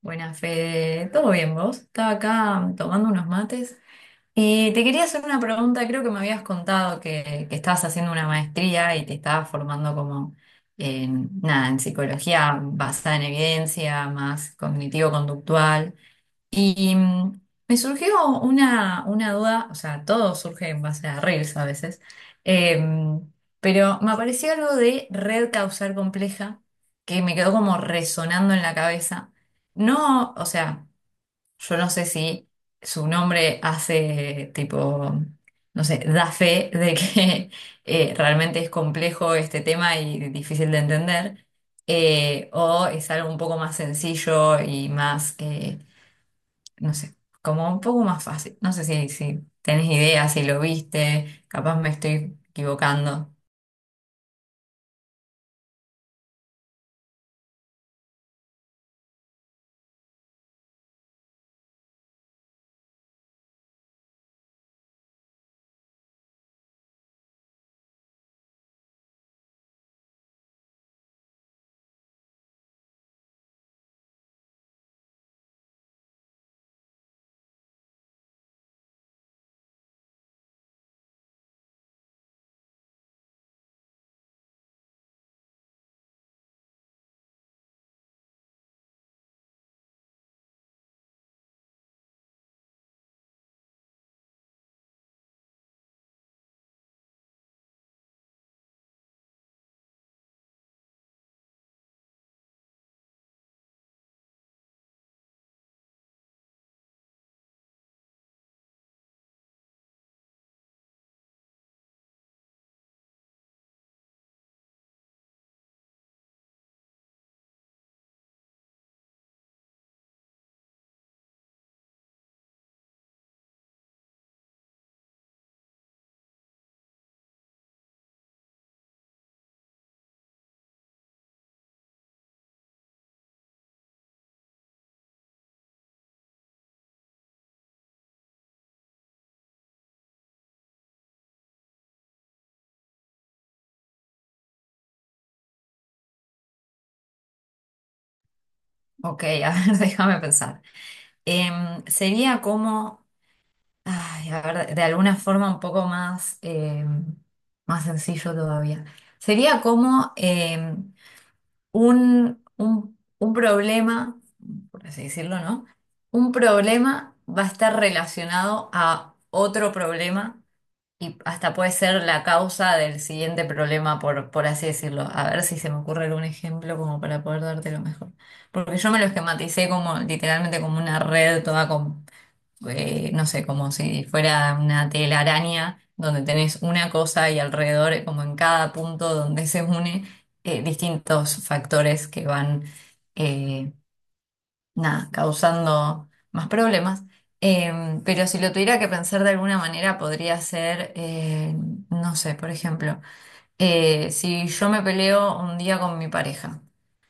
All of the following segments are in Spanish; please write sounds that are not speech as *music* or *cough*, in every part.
Buenas, Fede. ¿Todo bien vos? Estaba acá tomando unos mates. Y te quería hacer una pregunta. Creo que me habías contado que estabas haciendo una maestría y te estabas formando como en, nada, en psicología basada en evidencia, más cognitivo-conductual. Y me surgió una duda, o sea, todo surge en base a reels a veces, em, pero me apareció algo de red causal compleja que me quedó como resonando en la cabeza. No, o sea, yo no sé si su nombre hace tipo, no sé, da fe de que *laughs* realmente es complejo este tema y difícil de entender, o es algo un poco más sencillo y más... no sé, como un poco más fácil. No sé si tenés idea, si lo viste, capaz me estoy equivocando. Ok, *laughs* a ver, déjame pensar. Sería como, ay, a ver, de alguna forma un poco más, más sencillo todavía. Sería como un problema, por así decirlo, ¿no? Un problema va a estar relacionado a otro problema. Y hasta puede ser la causa del siguiente problema, por así decirlo. A ver si se me ocurre algún ejemplo como para poder dártelo mejor. Porque yo me lo esquematicé como literalmente como una red toda con, no sé, como si fuera una telaraña donde tenés una cosa y alrededor, como en cada punto donde se une, distintos factores que van, eh, nada, causando más problemas. Pero si lo tuviera que pensar de alguna manera, podría ser, no sé, por ejemplo, si yo me peleo un día con mi pareja,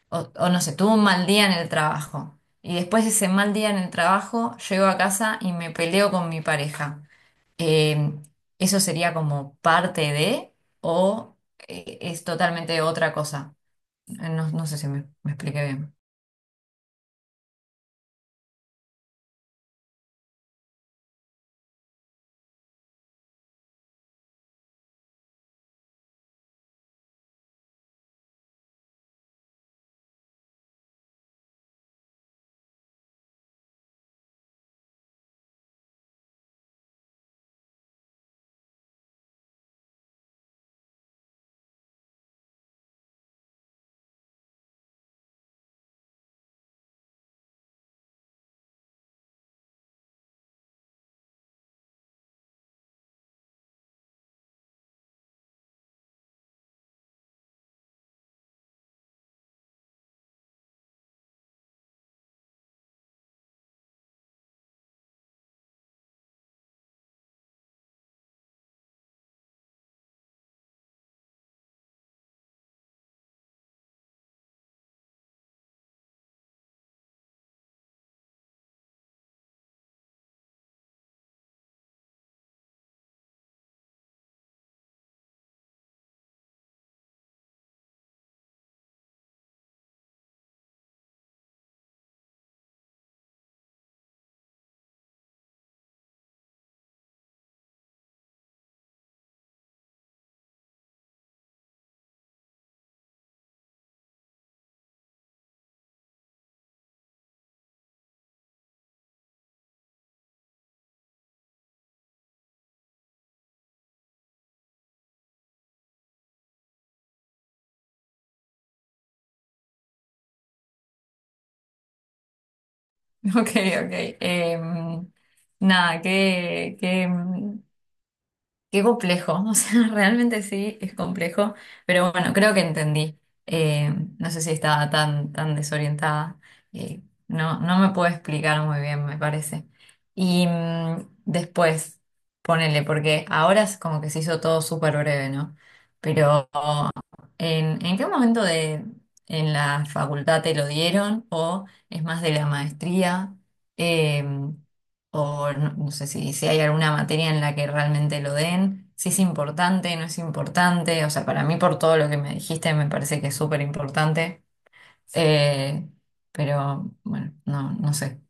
o, o no sé, tuve un mal día en el trabajo, y después de ese mal día en el trabajo, llego a casa y me peleo con mi pareja. Em, ¿Eso sería como parte de, o es totalmente otra cosa? No, no sé si me expliqué bien. *laughs* Ok, ok. Nada, qué complejo. *laughs* O sea, realmente sí, es complejo. Pero bueno, creo que entendí. No sé si estaba tan desorientada. Eh, no, no me puedo explicar muy bien, me parece. Y después, ponele, porque ahora es como que se hizo todo súper breve, ¿no? Pero ¿en, en qué momento de en la facultad te lo dieron? ¿O es más de la maestría? Em, o no, no sé si hay alguna materia en la que realmente lo den, si es importante, no es importante. O sea, para mí, por todo lo que me dijiste, me parece que es súper importante. Eh, pero bueno, no, no sé.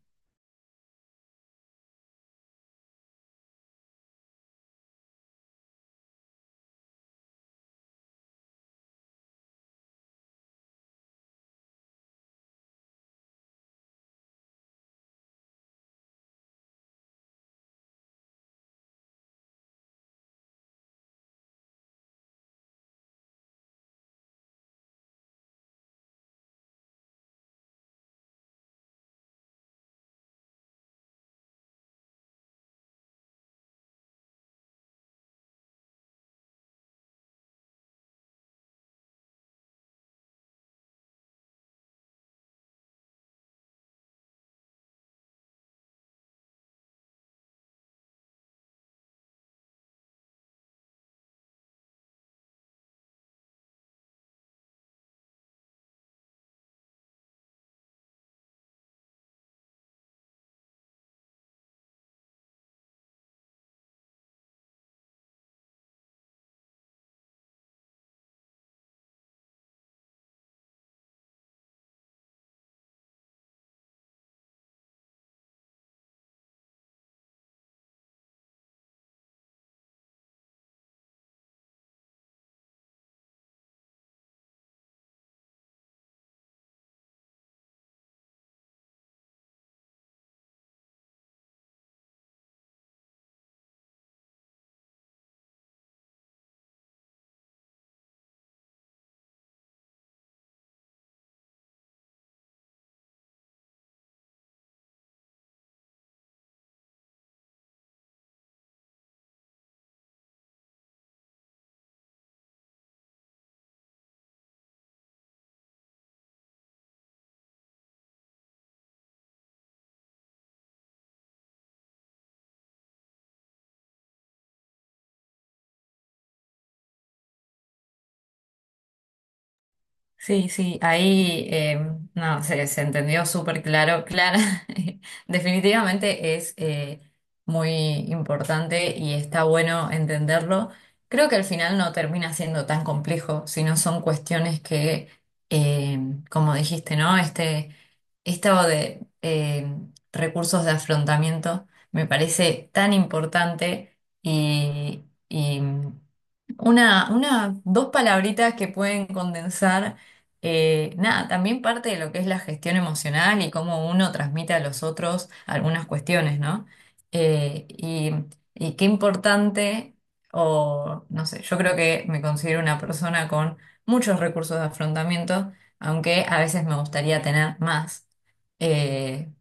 Sí, sí, ahí no, se entendió súper claro, Clara. *laughs* Definitivamente es muy importante y está bueno entenderlo. Creo que al final no termina siendo tan complejo, sino son cuestiones que, eh, como dijiste, ¿no? Este, esto de recursos de afrontamiento me parece tan importante y dos palabritas que pueden condensar, nada, también parte de lo que es la gestión emocional y cómo uno transmite a los otros algunas cuestiones, ¿no? Y, y qué importante, o no sé, yo creo que me considero una persona con muchos recursos de afrontamiento, aunque a veces me gustaría tener más. Eh,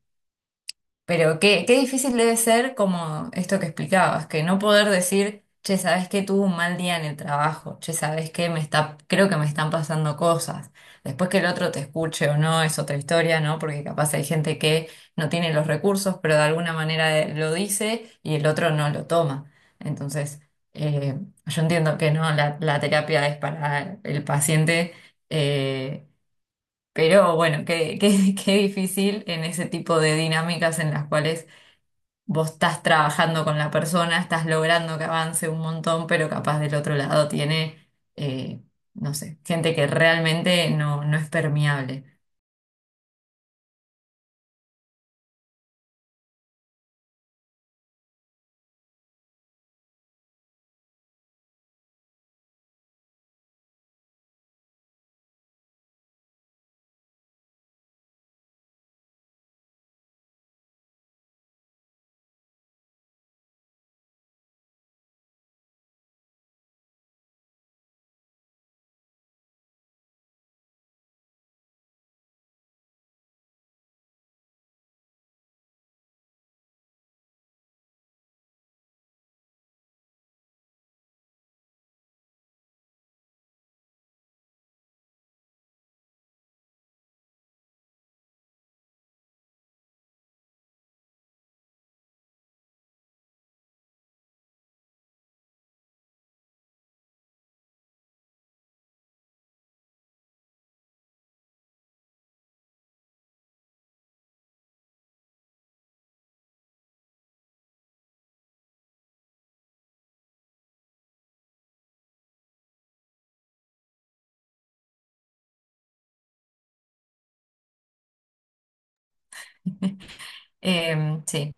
pero qué difícil debe ser como esto que explicabas, que no poder decir: "Che, ¿sabes que tuve un mal día en el trabajo? Che, ¿sabes que me está, creo que me están pasando cosas?". Después que el otro te escuche o no, es otra historia, ¿no? Porque capaz hay gente que no tiene los recursos, pero de alguna manera lo dice y el otro no lo toma. Entonces, eh, yo entiendo que no, la terapia es para el paciente. eh, pero bueno, *laughs* qué difícil en ese tipo de dinámicas en las cuales vos estás trabajando con la persona, estás logrando que avance un montón, pero capaz del otro lado tiene, eh, no sé, gente que realmente no, no es permeable. *laughs* Sí.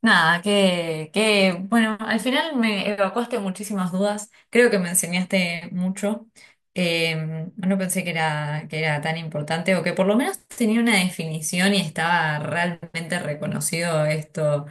Nada, bueno, al final me evacuaste muchísimas dudas, creo que me enseñaste mucho. No pensé que era tan importante o que por lo menos tenía una definición y estaba realmente reconocido esto.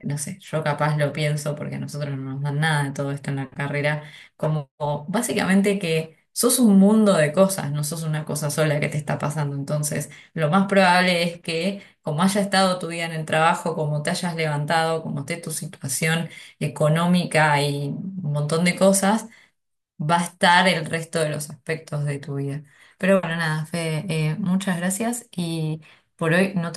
No sé, yo capaz lo pienso porque a nosotros no nos dan nada de todo esto en la carrera, como básicamente que sos un mundo de cosas, no sos una cosa sola que te está pasando. Entonces, lo más probable es que como haya estado tu día en el trabajo, como te hayas levantado, como esté tu situación económica y un montón de cosas, va a estar el resto de los aspectos de tu vida. Pero bueno, nada, Fede, muchas gracias y por hoy no